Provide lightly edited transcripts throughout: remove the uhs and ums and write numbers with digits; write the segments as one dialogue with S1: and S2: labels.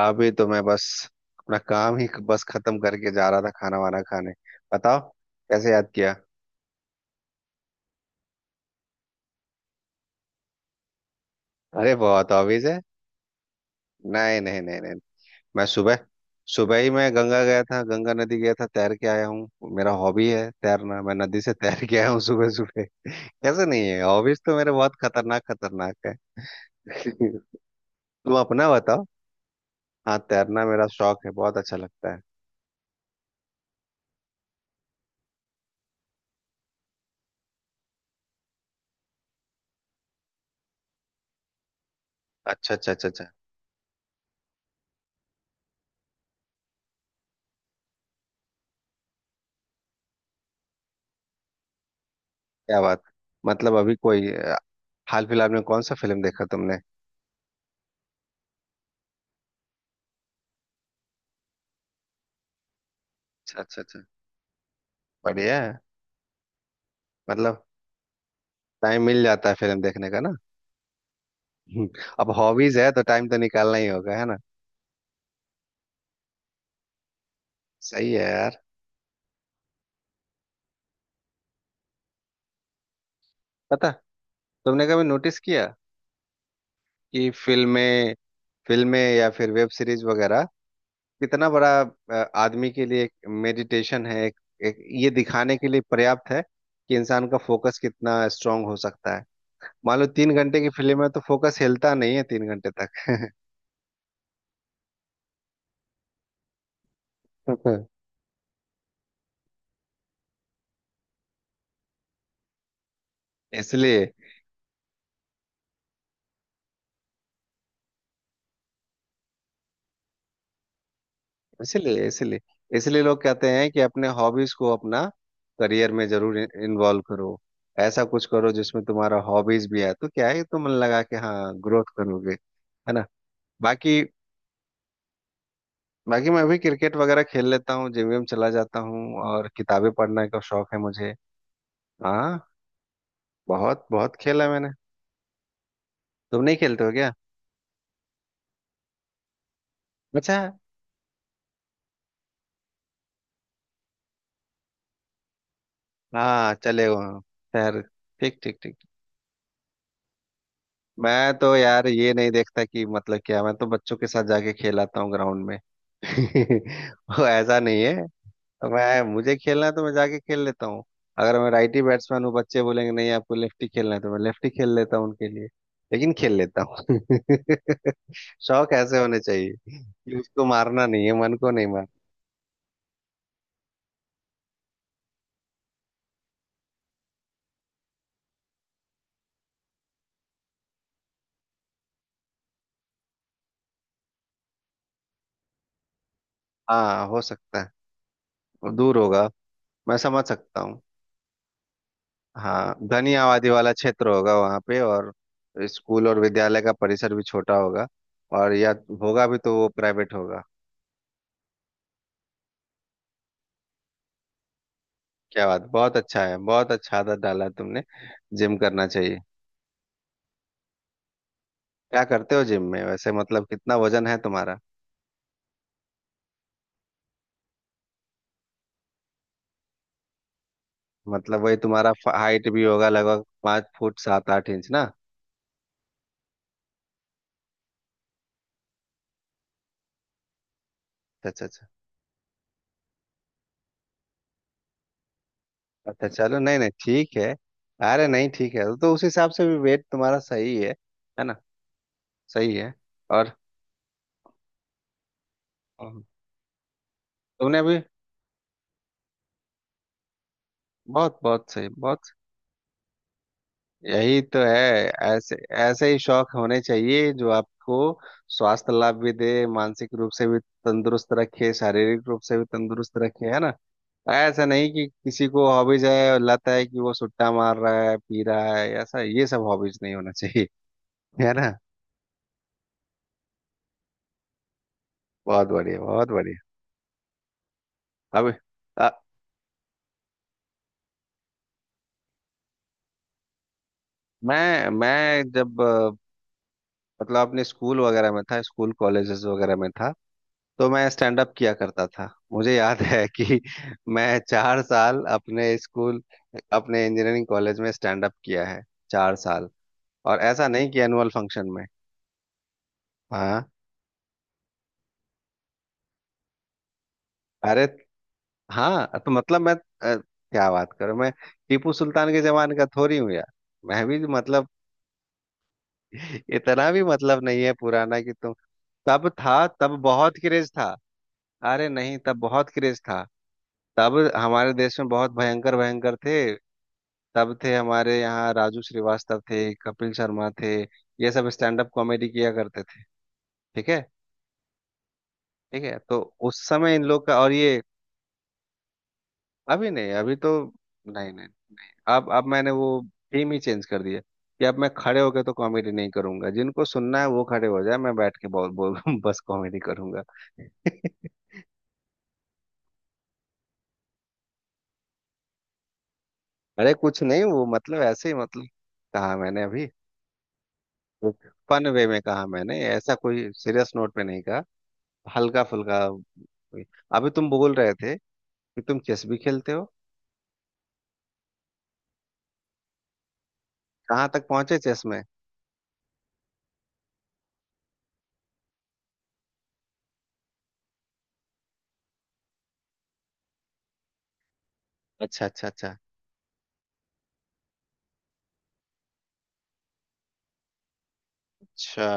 S1: अभी तो मैं बस अपना काम ही बस खत्म करके जा रहा था, खाना वाना खाने। बताओ, कैसे याद किया? अरे बहुत ऑब्वियस है। नहीं नहीं नहीं नहीं, मैं सुबह सुबह ही मैं गंगा गया था, गंगा नदी गया था, तैर के आया हूँ। मेरा हॉबी है तैरना, मैं नदी से तैर के आया हूँ सुबह सुबह। कैसे नहीं है हॉबीज? तो मेरे बहुत खतरनाक खतरनाक है। तुम अपना बताओ। हाँ, तैरना मेरा शौक है, बहुत अच्छा लगता है। अच्छा अच्छा अच्छा अच्छा। क्या बात। मतलब अभी कोई हाल फिलहाल में कौन सा फिल्म देखा तुमने? अच्छा अच्छा अच्छा। बढ़िया है। मतलब टाइम मिल जाता है फिल्म देखने का ना। हम्म। अब हॉबीज है तो टाइम तो निकालना ही होगा, है ना? सही है यार। पता, तुमने कभी नोटिस किया कि फिल्में फिल्में या फिर वेब सीरीज वगैरह कितना बड़ा आदमी के लिए एक मेडिटेशन है, एक ये दिखाने के लिए पर्याप्त है कि इंसान का फोकस कितना स्ट्रांग हो सकता है। मान लो 3 घंटे की फिल्म है तो फोकस हिलता नहीं है 3 घंटे तक। इसलिए इसलिए इसलिए इसलिए लोग कहते हैं कि अपने हॉबीज को अपना करियर में जरूर इन्वॉल्व करो। ऐसा कुछ करो जिसमें तुम्हारा हॉबीज भी है, तो क्या है, तुम मन लगा के हाँ ग्रोथ करोगे, है ना? बाकी बाकी मैं भी क्रिकेट वगैरह खेल लेता हूँ, जिम विम चला जाता हूँ, और किताबें पढ़ने का शौक है मुझे। हाँ, बहुत बहुत खेला मैंने। तुम नहीं खेलते हो क्या? अच्छा। हाँ, चले गए हो शहर। ठीक ठीक ठीक। मैं तो यार ये नहीं देखता कि मतलब क्या, मैं तो बच्चों के साथ जाके खेलाता हूँ ग्राउंड में। वो ऐसा नहीं है, तो मैं, मुझे खेलना है तो मैं जाके खेल लेता हूँ। अगर मैं राइट ही बैट्समैन हूँ, बच्चे बोलेंगे नहीं आपको लेफ्ट ही खेलना है, तो मैं लेफ्ट ही खेल लेता हूँ उनके लिए, लेकिन खेल लेता हूँ। शौक ऐसे होने चाहिए कि उसको मारना नहीं है, मन को नहीं मार। हाँ हो सकता है, वो दूर होगा। मैं समझ सकता हूँ। हाँ, घनी आबादी वाला क्षेत्र होगा वहाँ पे, और स्कूल और विद्यालय का परिसर भी छोटा होगा, और या होगा भी तो वो प्राइवेट होगा। क्या बात, बहुत अच्छा है, बहुत अच्छा आदत डाला है तुमने। जिम करना चाहिए। क्या करते हो जिम में वैसे, मतलब कितना वजन है तुम्हारा? मतलब वही तुम्हारा हाइट भी होगा लगभग, 5 फुट 7-8 इंच ना? अच्छा अच्छा अच्छा। अच्छा चलो, नहीं नहीं ठीक है। अरे नहीं ठीक है, तो उस हिसाब से भी वेट तुम्हारा सही है ना? सही है। और तुमने अभी, बहुत बहुत सही, बहुत, यही तो है। ऐसे, ऐसे ही शौक होने चाहिए जो आपको स्वास्थ्य लाभ भी दे, मानसिक रूप से भी तंदुरुस्त रखे, शारीरिक रूप से भी तंदुरुस्त रखे, है ना? ऐसा नहीं कि किसी को हॉबीज है और लत है कि वो सुट्टा मार रहा है, पी रहा है, ऐसा, ये सब हॉबीज नहीं होना चाहिए। है ना? बहुत बढ़िया, बहुत बढ़िया। अब अ, मैं जब मतलब अपने स्कूल वगैरह में था, स्कूल कॉलेजेस वगैरह में था, तो मैं स्टैंड अप किया करता था। मुझे याद है कि मैं चार साल अपने स्कूल अपने इंजीनियरिंग कॉलेज में स्टैंड अप किया है 4 साल। और ऐसा नहीं कि एनुअल फंक्शन में। हाँ अरे हाँ, तो मतलब क्या बात करूं मैं, टीपू सुल्तान के जमाने का थोड़ी हूँ यार, मैं भी मतलब, इतना भी मतलब नहीं है पुराना कि तुम, तब था, तब बहुत क्रेज था। अरे नहीं, तब बहुत क्रेज था। तब हमारे देश में बहुत भयंकर भयंकर थे। तब थे हमारे यहाँ, राजू श्रीवास्तव थे, कपिल शर्मा थे, ये सब स्टैंड अप कॉमेडी किया करते थे। ठीक है, ठीक है, तो उस समय इन लोग का और ये, अभी नहीं, अभी तो नहीं नहीं, अब मैंने वो थीम ही चेंज कर दिया कि अब मैं खड़े होकर तो कॉमेडी नहीं करूंगा, जिनको सुनना है वो खड़े हो जाए, मैं बैठ के बोल बोल बस कॉमेडी करूंगा। अरे कुछ नहीं, वो मतलब ऐसे ही मतलब, कहा मैंने अभी, फन वे में कहा मैंने, ऐसा कोई सीरियस नोट पे नहीं कहा, हल्का फुल्का। अभी तुम बोल रहे थे कि तुम चेस भी खेलते हो, कहाँ तक पहुंचे चेस में? अच्छा अच्छा अच्छा अच्छा।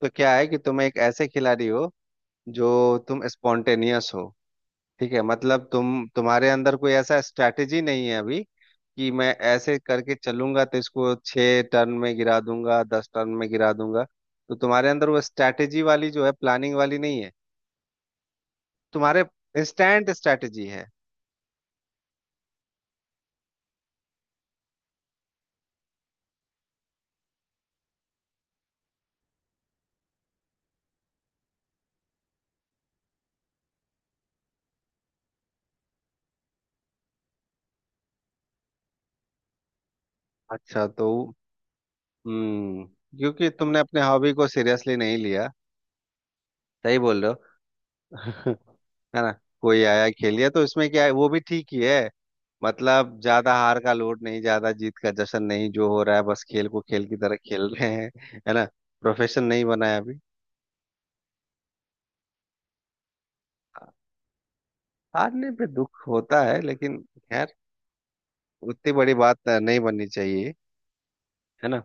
S1: तो क्या है कि तुम एक ऐसे खिलाड़ी हो जो, तुम स्पॉन्टेनियस हो। ठीक है, मतलब तुम्हारे अंदर कोई ऐसा स्ट्रैटेजी नहीं है अभी कि मैं ऐसे करके चलूंगा तो इसको 6 टर्न में गिरा दूंगा, 10 टर्न में गिरा दूंगा। तो तुम्हारे अंदर वो स्ट्रैटेजी वाली जो है, प्लानिंग वाली नहीं है, तुम्हारे इंस्टेंट स्ट्रैटेजी है। अच्छा तो हम्म, क्योंकि तुमने अपने हॉबी को सीरियसली नहीं लिया। सही बोल रहे हो। है ना? कोई आया खेल लिया तो इसमें क्या है, वो भी ठीक ही है। मतलब ज्यादा हार का लोड नहीं, ज्यादा जीत का जश्न नहीं, जो हो रहा है बस खेल को खेल की तरह खेल रहे हैं। है ना? प्रोफेशन नहीं बनाया अभी। हारने पे दुख होता है, लेकिन खैर उतनी बड़ी बात नहीं बननी चाहिए। है ना?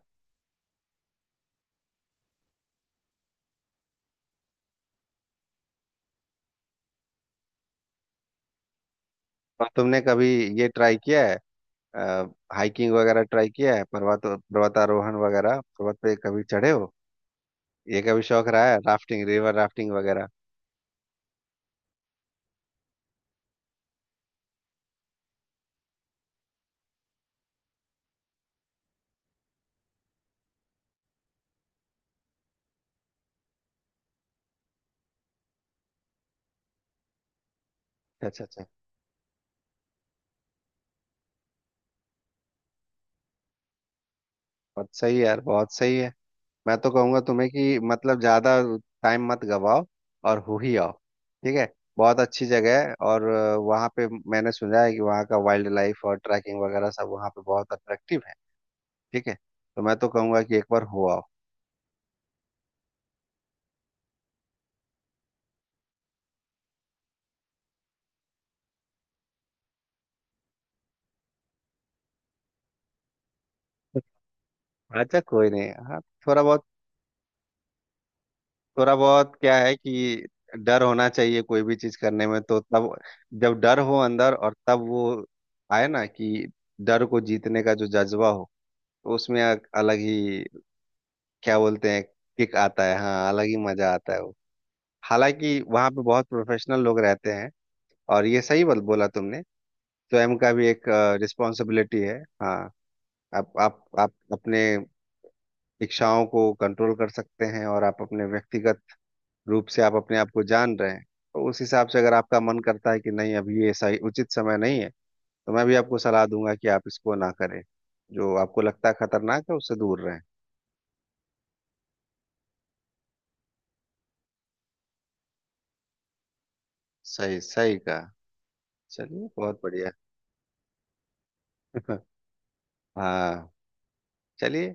S1: और तुमने कभी ये ट्राई किया है, हाइकिंग वगैरह ट्राई किया है, पर्वत, पर्वतारोहण वगैरह, पर्वत पे कभी चढ़े हो? ये कभी शौक रहा है, राफ्टिंग, रिवर राफ्टिंग वगैरह? अच्छा अच्छा अच्छा। बहुत सही है यार, बहुत सही है। मैं तो कहूंगा तुम्हें कि मतलब ज्यादा टाइम मत गवाओ, और हो ही आओ। ठीक है, बहुत अच्छी जगह है, और वहाँ पे मैंने सुना है कि वहाँ का वाइल्ड लाइफ और ट्रैकिंग वगैरह सब वहाँ पे बहुत अट्रैक्टिव है। ठीक है, तो मैं तो कहूंगा कि एक बार हो आओ। अच्छा कोई नहीं, हाँ, थोड़ा बहुत। थोड़ा बहुत क्या है कि डर होना चाहिए कोई भी चीज करने में, तो तब जब डर हो अंदर, और तब वो आए ना कि डर को जीतने का जो जज्बा हो, तो उसमें एक अलग ही क्या बोलते हैं, किक आता है, हाँ, अलग ही मजा आता है वो। हालांकि वहाँ पे बहुत प्रोफेशनल लोग रहते हैं, और ये सही बल बोला तुमने, स्वयं का भी एक रिस्पॉन्सिबिलिटी है। हाँ, आप अपने इच्छाओं को कंट्रोल कर सकते हैं, और आप अपने व्यक्तिगत रूप से आप अपने आप को जान रहे हैं, तो उस हिसाब से अगर आपका मन करता है कि नहीं अभी ये सही उचित समय नहीं है, तो मैं भी आपको सलाह दूंगा कि आप इसको ना करें। जो आपको लगता है खतरनाक है उससे दूर रहें। सही सही कहा। चलिए बहुत बढ़िया। हाँ चलिए।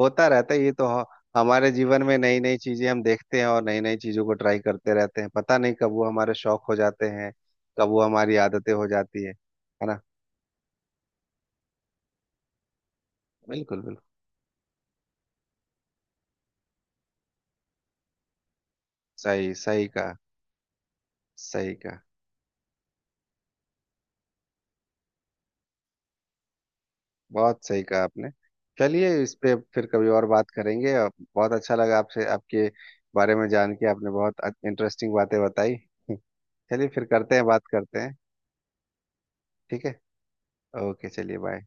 S1: होता रहता है ये तो, हमारे जीवन में नई नई चीजें हम देखते हैं और नई नई चीजों को ट्राई करते रहते हैं। पता नहीं कब वो हमारे शौक हो जाते हैं, कब वो हमारी आदतें हो जाती है ना? बिल्कुल बिल्कुल। सही सही कहा, सही कहा। बहुत सही कहा आपने। चलिए, इस पे फिर कभी और बात करेंगे। और बहुत अच्छा लगा आपसे, आपके बारे में जान के। आपने बहुत इंटरेस्टिंग बातें बताई। चलिए, फिर करते हैं, बात करते हैं। ठीक है, ओके चलिए, बाय।